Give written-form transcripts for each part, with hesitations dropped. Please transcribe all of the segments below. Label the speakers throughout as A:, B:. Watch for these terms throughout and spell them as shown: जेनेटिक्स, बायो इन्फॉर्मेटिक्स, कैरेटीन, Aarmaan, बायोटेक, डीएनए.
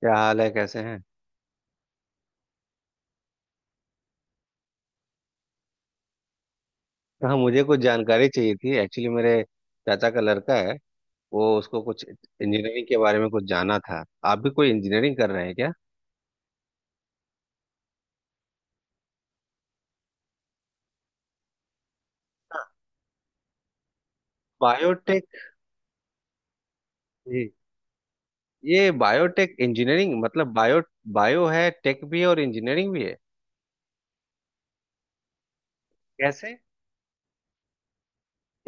A: क्या हाल है, कैसे हैं। हाँ, मुझे कुछ जानकारी चाहिए थी एक्चुअली। मेरे चाचा का लड़का है, वो उसको कुछ इंजीनियरिंग के बारे में कुछ जानना था। आप भी कोई इंजीनियरिंग कर रहे हैं क्या? बायोटेक? जी। ये बायोटेक इंजीनियरिंग मतलब बायो बायो है, टेक भी है और इंजीनियरिंग भी है। कैसे?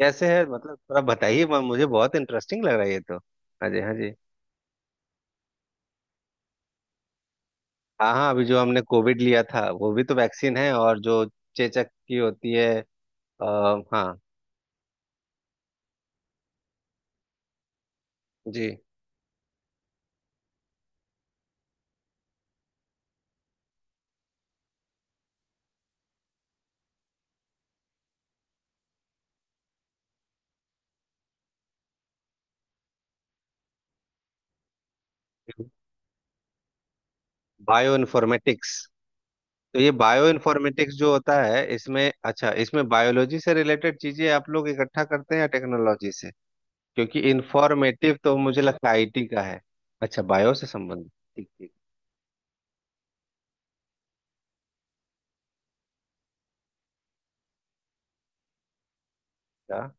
A: कैसे है, मतलब थोड़ा बताइए, मुझे बहुत इंटरेस्टिंग लग रहा है ये तो। हाँ जी, हाँ जी। हाँ हाँ, अभी जो हमने कोविड लिया था वो भी तो वैक्सीन है, और जो चेचक की होती है। आ, हाँ जी। बायो इन्फॉर्मेटिक्स? तो ये बायो इन्फॉर्मेटिक्स जो होता है इसमें, अच्छा इसमें बायोलॉजी से रिलेटेड चीजें आप लोग इकट्ठा करते हैं या टेक्नोलॉजी से? क्योंकि इन्फॉर्मेटिव तो मुझे लगता है आईटी का है। अच्छा, बायो से संबंधित। ठीक ठीक। था।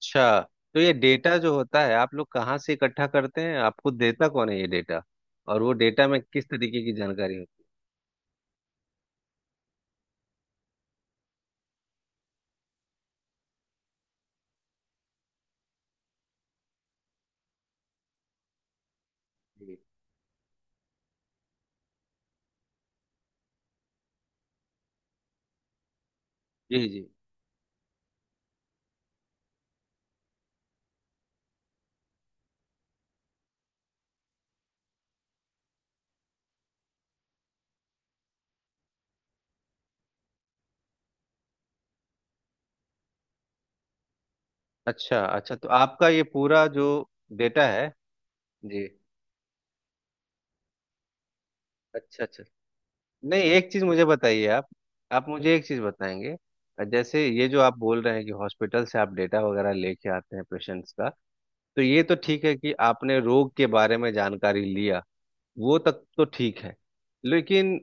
A: अच्छा। तो ये डेटा जो होता है आप लोग कहाँ से इकट्ठा करते हैं, आपको देता कौन है ये डेटा? और वो डेटा में किस तरीके की जानकारी होती है? जी जी जी। अच्छा अच्छा, तो आपका ये पूरा जो डेटा है। जी। अच्छा अच्छा। नहीं, एक चीज मुझे बताइए आप मुझे एक चीज बताएंगे। जैसे ये जो आप बोल रहे हैं कि हॉस्पिटल से आप डेटा वगैरह लेके आते हैं पेशेंट्स का, तो ये तो ठीक है कि आपने रोग के बारे में जानकारी लिया। वो तक तो ठीक है, लेकिन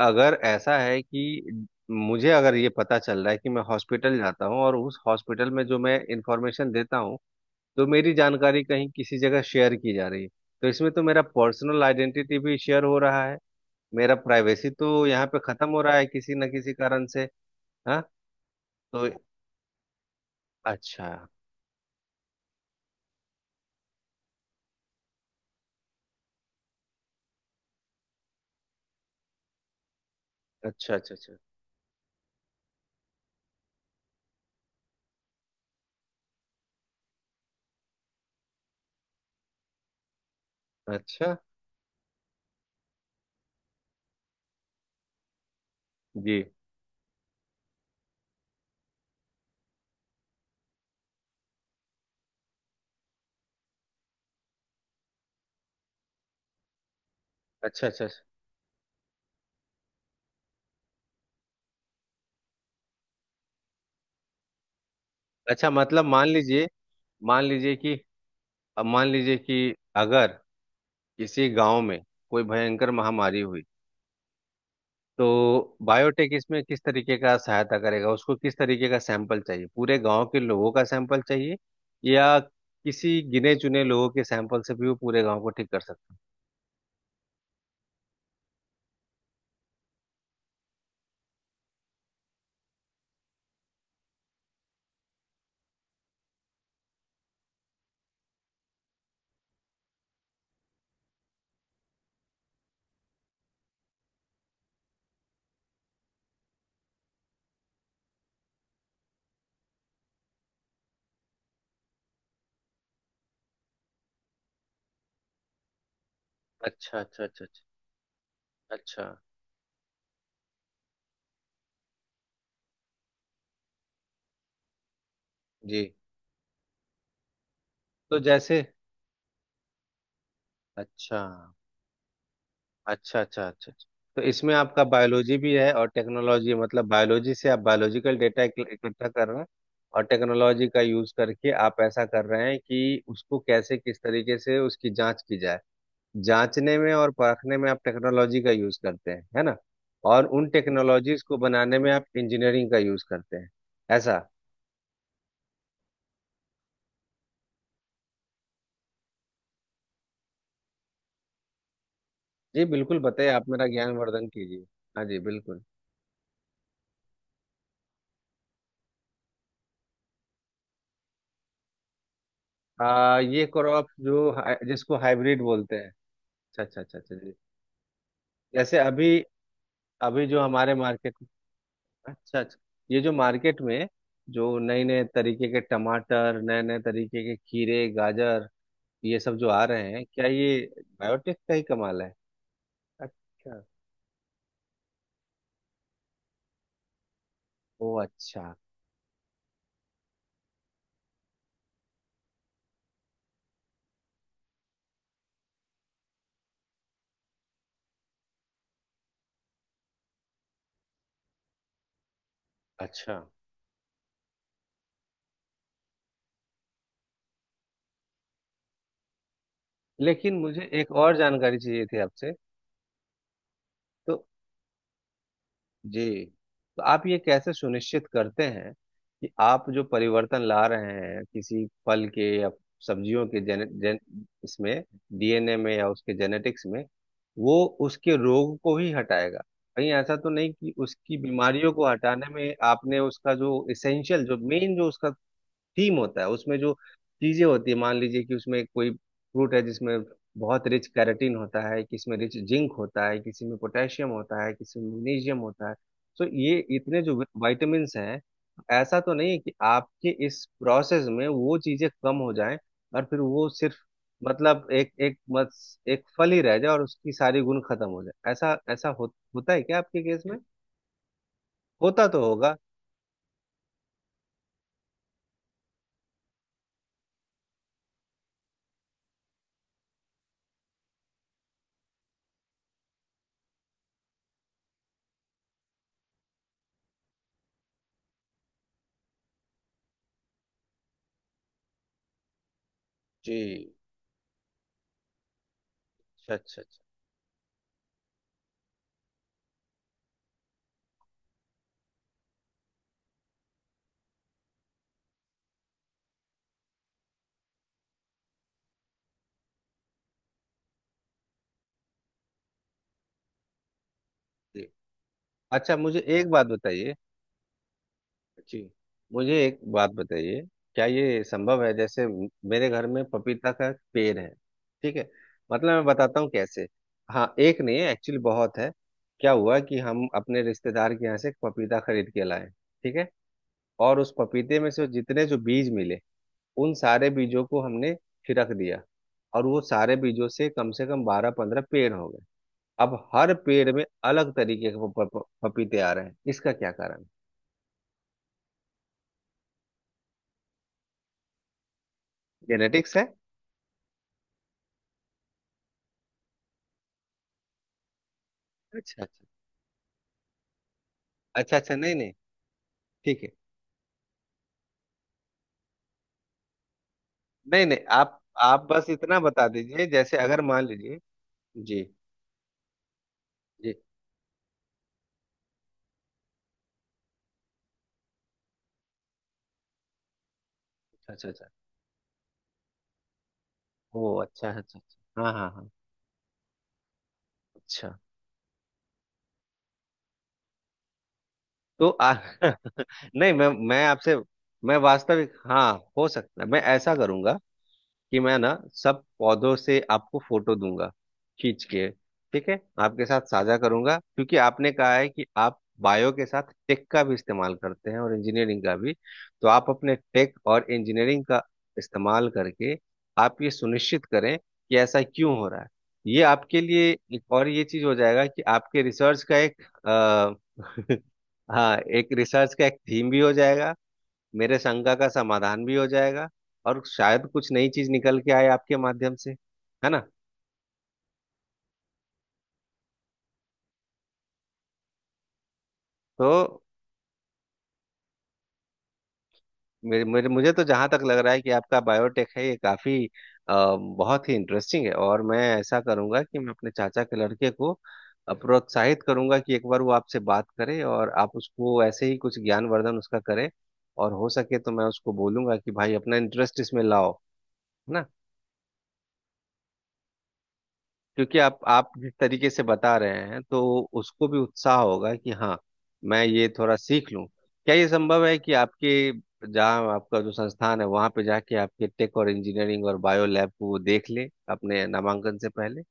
A: अगर ऐसा है कि मुझे अगर ये पता चल रहा है कि मैं हॉस्पिटल जाता हूँ और उस हॉस्पिटल में जो मैं इंफॉर्मेशन देता हूँ, तो मेरी जानकारी कहीं किसी जगह शेयर की जा रही है, तो इसमें तो मेरा पर्सनल आइडेंटिटी भी शेयर हो रहा है। मेरा प्राइवेसी तो यहाँ पे खत्म हो रहा है किसी न किसी कारण से। हाँ। तो अच्छा अच्छा अच्छा। अच्छा अच्छा जी। अच्छा अच्छा अच्छा। अच्छा, मतलब मान लीजिए, मान लीजिए कि अब मान लीजिए कि अगर किसी गांव में कोई भयंकर महामारी हुई, तो बायोटेक इसमें किस तरीके का सहायता करेगा? उसको किस तरीके का सैंपल चाहिए, पूरे गांव के लोगों का सैंपल चाहिए या किसी गिने चुने लोगों के सैंपल से भी वो पूरे गांव को ठीक कर सकता है? अच्छा अच्छा अच्छा। अच्छा अच्छा जी। तो जैसे। अच्छा। अच्छा अच्छा। अच्छा अच्छा। तो इसमें आपका बायोलॉजी भी है और टेक्नोलॉजी, मतलब बायोलॉजी से आप बायोलॉजिकल डेटा इकट्ठा कर रहे हैं, और टेक्नोलॉजी का यूज करके आप ऐसा कर रहे हैं कि उसको कैसे, किस तरीके से उसकी जांच की जाए। जांचने में और परखने में आप टेक्नोलॉजी का यूज करते हैं, है ना? और उन टेक्नोलॉजीज को बनाने में आप इंजीनियरिंग का यूज करते हैं। ऐसा? जी, बिल्कुल बताइए, आप मेरा ज्ञानवर्धन कीजिए। हाँ जी, बिल्कुल। ये क्रॉप जो जिसको हाइब्रिड बोलते हैं? अच्छा अच्छा अच्छा जी। जैसे अभी, अभी जो हमारे मार्केट में, अच्छा अच्छा, ये जो मार्केट में जो नए नए तरीके के टमाटर, नए नए तरीके के खीरे, गाजर, ये सब जो आ रहे हैं, क्या ये बायोटेक का ही कमाल है? अच्छा। ओ अच्छा अच्छा। लेकिन मुझे एक और जानकारी चाहिए थी आपसे। तो जी, तो आप ये कैसे सुनिश्चित करते हैं कि आप जो परिवर्तन ला रहे हैं किसी फल के या सब्जियों के, इसमें डीएनए में या उसके जेनेटिक्स में, वो उसके रोग को ही हटाएगा? कहीं ऐसा तो नहीं कि उसकी बीमारियों को हटाने में आपने उसका जो इसेंशियल, जो मेन, जो उसका थीम होता है, उसमें जो चीजें होती है, मान लीजिए कि उसमें कोई फ्रूट है जिसमें बहुत रिच कैरेटीन होता है, किसी में रिच जिंक होता है, किसी में पोटेशियम होता है, किसी में मैग्नीशियम होता है, तो ये इतने जो विटामिन हैं, ऐसा तो नहीं है कि आपके इस प्रोसेस में वो चीजें कम हो जाएं और फिर वो सिर्फ, मतलब एक एक मत एक फल ही रह जाए और उसकी सारी गुण खत्म हो जाए? ऐसा ऐसा हो, होता है क्या आपके केस में? होता तो होगा। जी अच्छा अच्छा अच्छा। जी अच्छा। मुझे एक बात बताइए। जी। मुझे एक बात बताइए, क्या ये संभव है जैसे, मेरे घर में पपीता का पेड़ है, ठीक है? मतलब मैं बताता हूँ कैसे। हाँ, एक नहीं है एक्चुअली, बहुत है। क्या हुआ कि हम अपने रिश्तेदार के यहाँ से एक पपीता खरीद के लाए, ठीक है? और उस पपीते में से जितने जो बीज मिले, उन सारे बीजों को हमने छिड़क दिया। और वो सारे बीजों से कम 12-15 पेड़ हो गए। अब हर पेड़ में अलग तरीके के पपीते आ रहे हैं, इसका क्या कारण? जेनेटिक्स है? अच्छा अच्छा अच्छा। नहीं नहीं। ठीक है। नहीं नहीं, आप आप बस इतना बता दीजिए, जैसे अगर मान लीजिए। जी। जी। अच्छा अच्छा अच्छा। ओ अच्छा अच्छा अच्छा, हाँ हाँ हाँ। अच्छा। तो नहीं, मैं आपसे, मैं वास्तविक, हाँ। हो सकता है मैं ऐसा करूंगा कि मैं ना सब पौधों से आपको फोटो दूंगा, खींच के। ठीक है, आपके साथ साझा करूंगा, क्योंकि आपने कहा है कि आप बायो के साथ टेक का भी इस्तेमाल करते हैं और इंजीनियरिंग का भी। तो आप अपने टेक और इंजीनियरिंग का इस्तेमाल करके आप ये सुनिश्चित करें कि ऐसा क्यों हो रहा है। ये आपके लिए एक और ये चीज हो जाएगा कि आपके रिसर्च का एक, आ, हाँ, एक रिसर्च का एक थीम भी हो जाएगा, मेरे शंका का समाधान भी हो जाएगा, और शायद कुछ नई चीज निकल के आए आपके माध्यम से, है ना? तो मेरे, मेरे मुझे तो जहां तक लग रहा है कि आपका बायोटेक है ये काफी, अ, बहुत ही इंटरेस्टिंग है। और मैं ऐसा करूंगा कि मैं अपने चाचा के लड़के को प्रोत्साहित करूंगा कि एक बार वो आपसे बात करे और आप उसको ऐसे ही कुछ ज्ञानवर्धन उसका करें। और हो सके तो मैं उसको बोलूंगा कि भाई अपना इंटरेस्ट इसमें लाओ, है ना? क्योंकि आप जिस तरीके से बता रहे हैं, तो उसको भी उत्साह होगा कि हाँ, मैं ये थोड़ा सीख लूं। क्या ये संभव है कि आपके, जहाँ आपका जो संस्थान है वहां पे जाके आपके टेक और इंजीनियरिंग और बायो लैब को वो देख ले अपने नामांकन से पहले?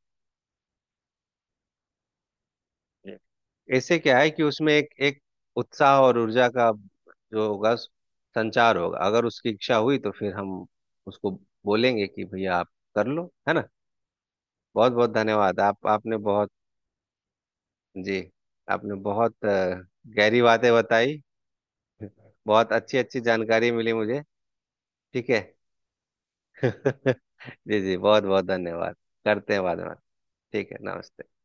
A: ऐसे क्या है कि उसमें एक एक उत्साह और ऊर्जा का जो होगा संचार होगा, अगर उसकी इच्छा हुई तो फिर हम उसको बोलेंगे कि भैया आप कर लो, है ना? बहुत बहुत धन्यवाद आप। आपने बहुत, जी, आपने बहुत गहरी बातें बताई, बहुत अच्छी अच्छी जानकारी मिली मुझे। ठीक है। जी जी, बहुत बहुत धन्यवाद। करते हैं बाद में बात। ठीक है, नमस्ते।